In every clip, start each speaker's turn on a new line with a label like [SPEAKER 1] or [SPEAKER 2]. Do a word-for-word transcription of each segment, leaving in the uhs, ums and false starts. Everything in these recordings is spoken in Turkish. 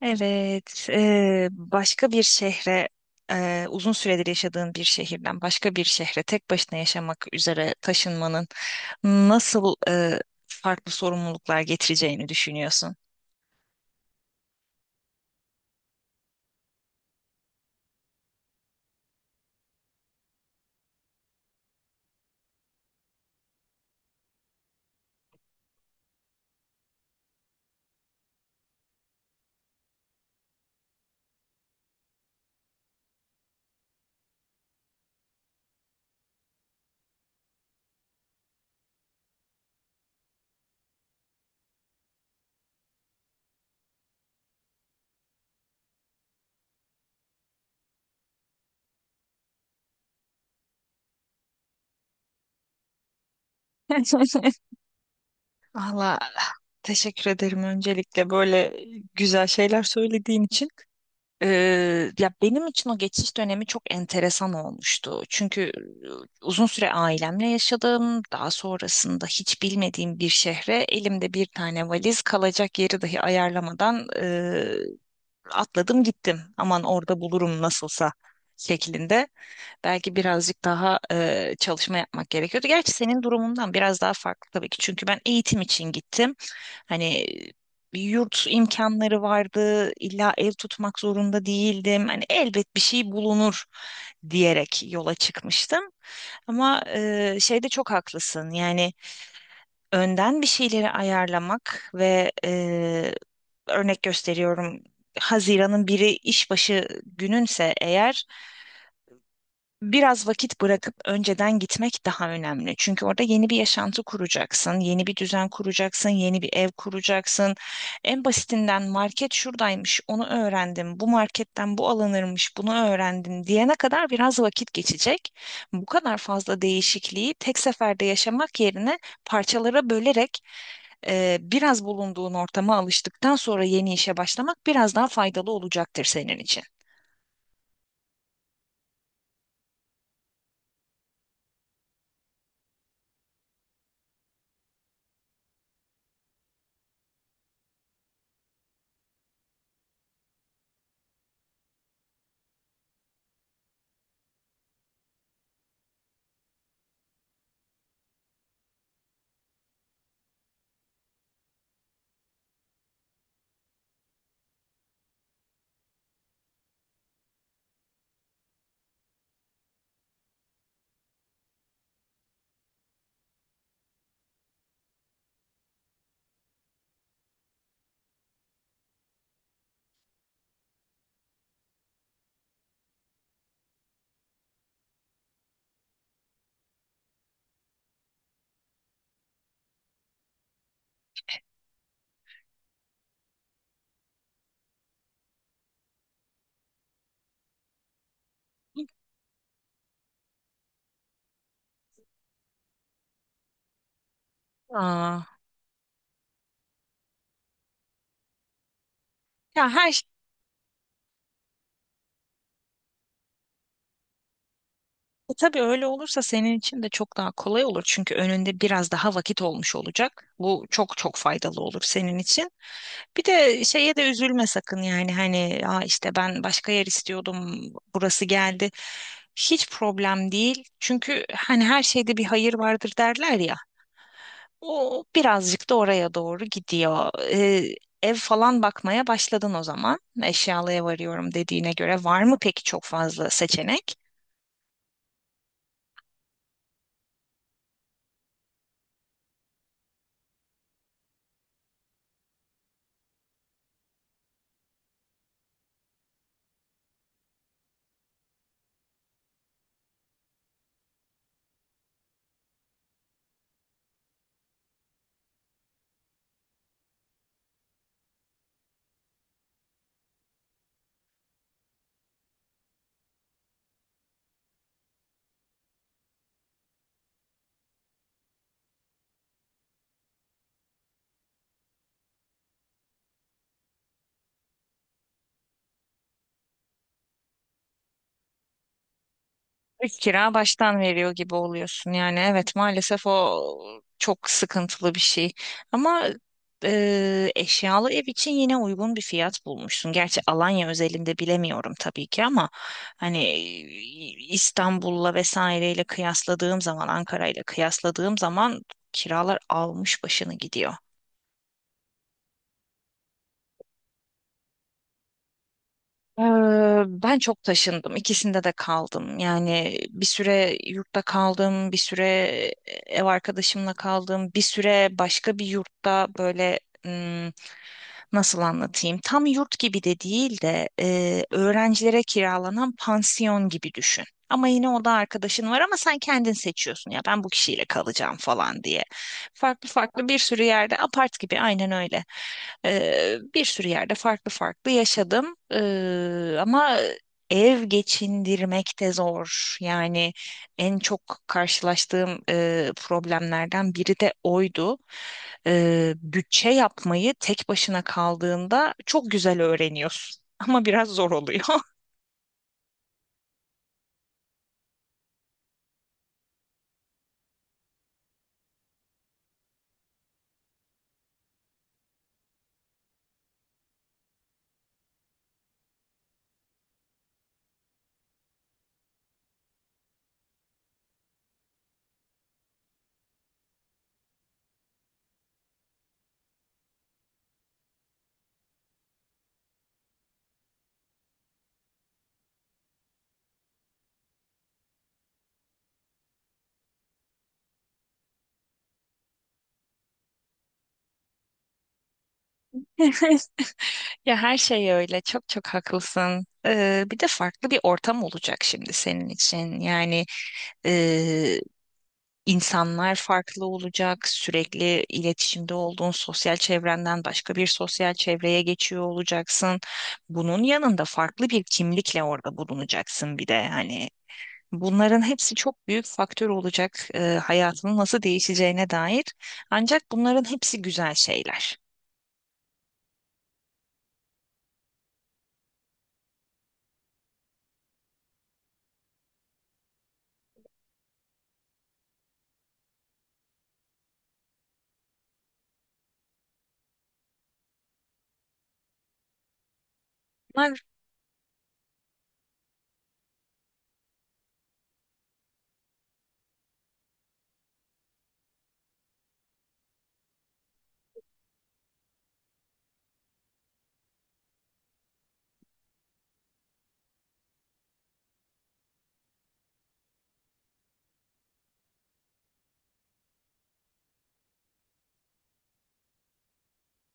[SPEAKER 1] Evet, eee, başka bir şehre, eee, uzun süredir yaşadığın bir şehirden başka bir şehre tek başına yaşamak üzere taşınmanın nasıl eee, farklı sorumluluklar getireceğini düşünüyorsun? Valla teşekkür ederim öncelikle böyle güzel şeyler söylediğin için. Ee, ya benim için o geçiş dönemi çok enteresan olmuştu. Çünkü e, uzun süre ailemle yaşadım. Daha sonrasında hiç bilmediğim bir şehre elimde bir tane valiz kalacak yeri dahi ayarlamadan e, atladım gittim. Aman orada bulurum nasılsa şeklinde. Belki birazcık daha e, çalışma yapmak gerekiyordu. Gerçi senin durumundan biraz daha farklı tabii ki. Çünkü ben eğitim için gittim. Hani bir yurt imkanları vardı. İlla ev tutmak zorunda değildim. Hani elbet bir şey bulunur diyerek yola çıkmıştım. Ama e, şeyde çok haklısın. Yani önden bir şeyleri ayarlamak ve e, örnek gösteriyorum Haziran'ın biri işbaşı gününse eğer biraz vakit bırakıp önceden gitmek daha önemli. Çünkü orada yeni bir yaşantı kuracaksın, yeni bir düzen kuracaksın, yeni bir ev kuracaksın. En basitinden market şuradaymış, onu öğrendim. Bu marketten bu alınırmış, bunu öğrendim diyene kadar biraz vakit geçecek. Bu kadar fazla değişikliği tek seferde yaşamak yerine parçalara bölerek Eee, biraz bulunduğun ortama alıştıktan sonra yeni işe başlamak biraz daha faydalı olacaktır senin için. Aa. Ya her E tabii öyle olursa senin için de çok daha kolay olur. Çünkü önünde biraz daha vakit olmuş olacak. Bu çok çok faydalı olur senin için. Bir de şeye de üzülme sakın yani hani aa işte ben başka yer istiyordum burası geldi. Hiç problem değil. Çünkü hani her şeyde bir hayır vardır derler ya. O birazcık da oraya doğru gidiyor. Ee, ev falan bakmaya başladın o zaman. Eşyalıya varıyorum dediğine göre var mı peki çok fazla seçenek? İlk kira baştan veriyor gibi oluyorsun. Yani evet maalesef o çok sıkıntılı bir şey. Ama e, eşyalı ev için yine uygun bir fiyat bulmuşsun. Gerçi Alanya özelinde bilemiyorum tabii ki ama hani e, İstanbul'la vesaireyle kıyasladığım zaman, Ankara'yla kıyasladığım zaman kiralar almış başını gidiyor. Eee, ben çok taşındım. İkisinde de kaldım. Yani bir süre yurtta kaldım, bir süre ev arkadaşımla kaldım, bir süre başka bir yurtta böyle ım, nasıl anlatayım? Tam yurt gibi de değil de eee, öğrencilere kiralanan pansiyon gibi düşün. Ama yine o da arkadaşın var ama sen kendin seçiyorsun ya ben bu kişiyle kalacağım falan diye. Farklı farklı bir sürü yerde apart gibi aynen öyle. Ee, bir sürü yerde farklı farklı yaşadım. Ee, ama ev geçindirmek de zor. Yani en çok karşılaştığım e, problemlerden biri de oydu. Ee, bütçe yapmayı tek başına kaldığında çok güzel öğreniyorsun. Ama biraz zor oluyor. Ya her şey öyle. Çok çok haklısın. Ee, bir de farklı bir ortam olacak şimdi senin için. Yani e, insanlar farklı olacak. Sürekli iletişimde olduğun sosyal çevrenden başka bir sosyal çevreye geçiyor olacaksın. Bunun yanında farklı bir kimlikle orada bulunacaksın bir de hani. Bunların hepsi çok büyük faktör olacak e, hayatının nasıl değişeceğine dair. Ancak bunların hepsi güzel şeyler.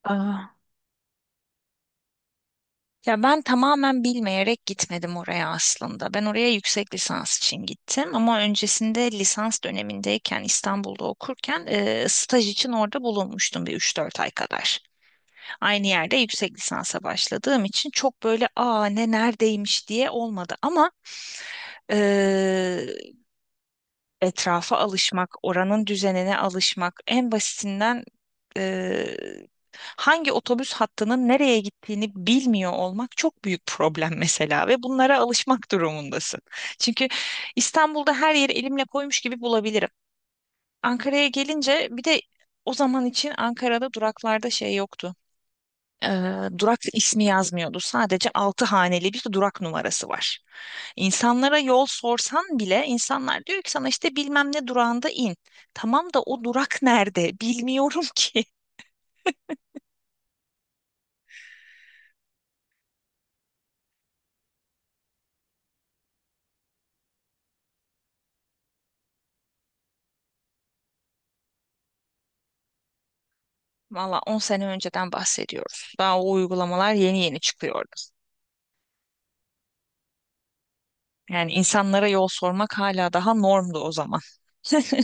[SPEAKER 1] Bunlar Ya ben tamamen bilmeyerek gitmedim oraya aslında. Ben oraya yüksek lisans için gittim ama öncesinde lisans dönemindeyken İstanbul'da okurken e, staj için orada bulunmuştum bir üç dört ay kadar. Aynı yerde yüksek lisansa başladığım için çok böyle aa ne neredeymiş diye olmadı ama e, etrafa alışmak, oranın düzenine alışmak en basitinden e, hangi otobüs hattının nereye gittiğini bilmiyor olmak çok büyük problem mesela ve bunlara alışmak durumundasın. Çünkü İstanbul'da her yeri elimle koymuş gibi bulabilirim. Ankara'ya gelince bir de o zaman için Ankara'da duraklarda şey yoktu. Ee, durak ismi yazmıyordu. Sadece altı haneli bir durak numarası var. İnsanlara yol sorsan bile insanlar diyor ki sana işte bilmem ne durağında in. Tamam da o durak nerede? Bilmiyorum ki. Valla on sene önceden bahsediyoruz. Daha o uygulamalar yeni yeni çıkıyordu. Yani insanlara yol sormak hala daha normdu o zaman.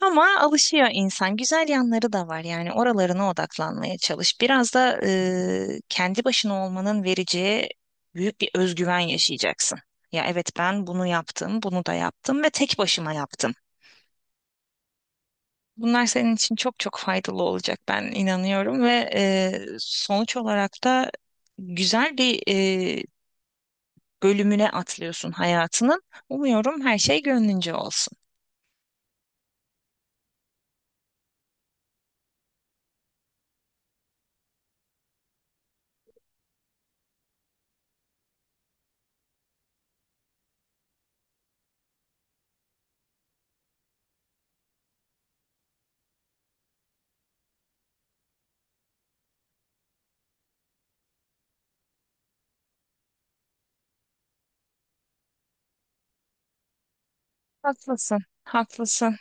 [SPEAKER 1] Ama alışıyor insan. Güzel yanları da var. Yani oralarına odaklanmaya çalış. Biraz da e, kendi başına olmanın vereceği büyük bir özgüven yaşayacaksın. Ya evet ben bunu yaptım, bunu da yaptım ve tek başıma yaptım. Bunlar senin için çok çok faydalı olacak ben inanıyorum ve e, sonuç olarak da güzel bir e, bölümüne atlıyorsun hayatının. Umuyorum her şey gönlünce olsun. Haklısın, haklısın.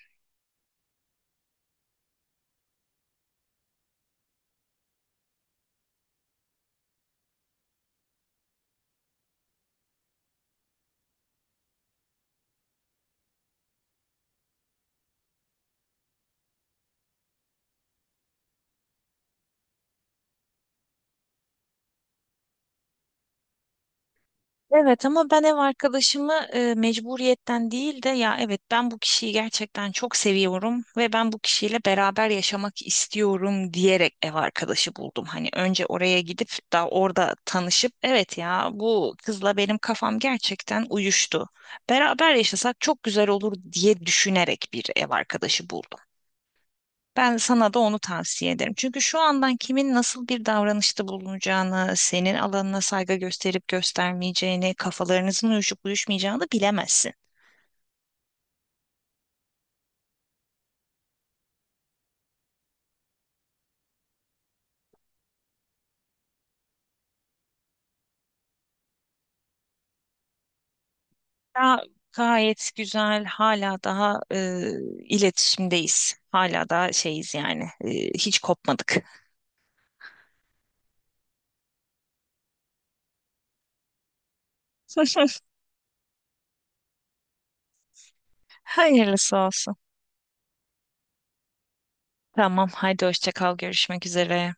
[SPEAKER 1] Evet ama ben ev arkadaşımı e, mecburiyetten değil de ya evet ben bu kişiyi gerçekten çok seviyorum ve ben bu kişiyle beraber yaşamak istiyorum diyerek ev arkadaşı buldum. Hani önce oraya gidip daha orada tanışıp evet ya bu kızla benim kafam gerçekten uyuştu. Beraber yaşasak çok güzel olur diye düşünerek bir ev arkadaşı buldum. Ben sana da onu tavsiye ederim. Çünkü şu andan kimin nasıl bir davranışta bulunacağını, senin alanına saygı gösterip göstermeyeceğini, kafalarınızın uyuşup uyuşmayacağını bilemezsin. Daha gayet güzel. Hala daha e, iletişimdeyiz. Hala daha şeyiz yani. E, hiç kopmadık. Hayırlısı olsun. Tamam, haydi hoşça kal. Görüşmek üzere.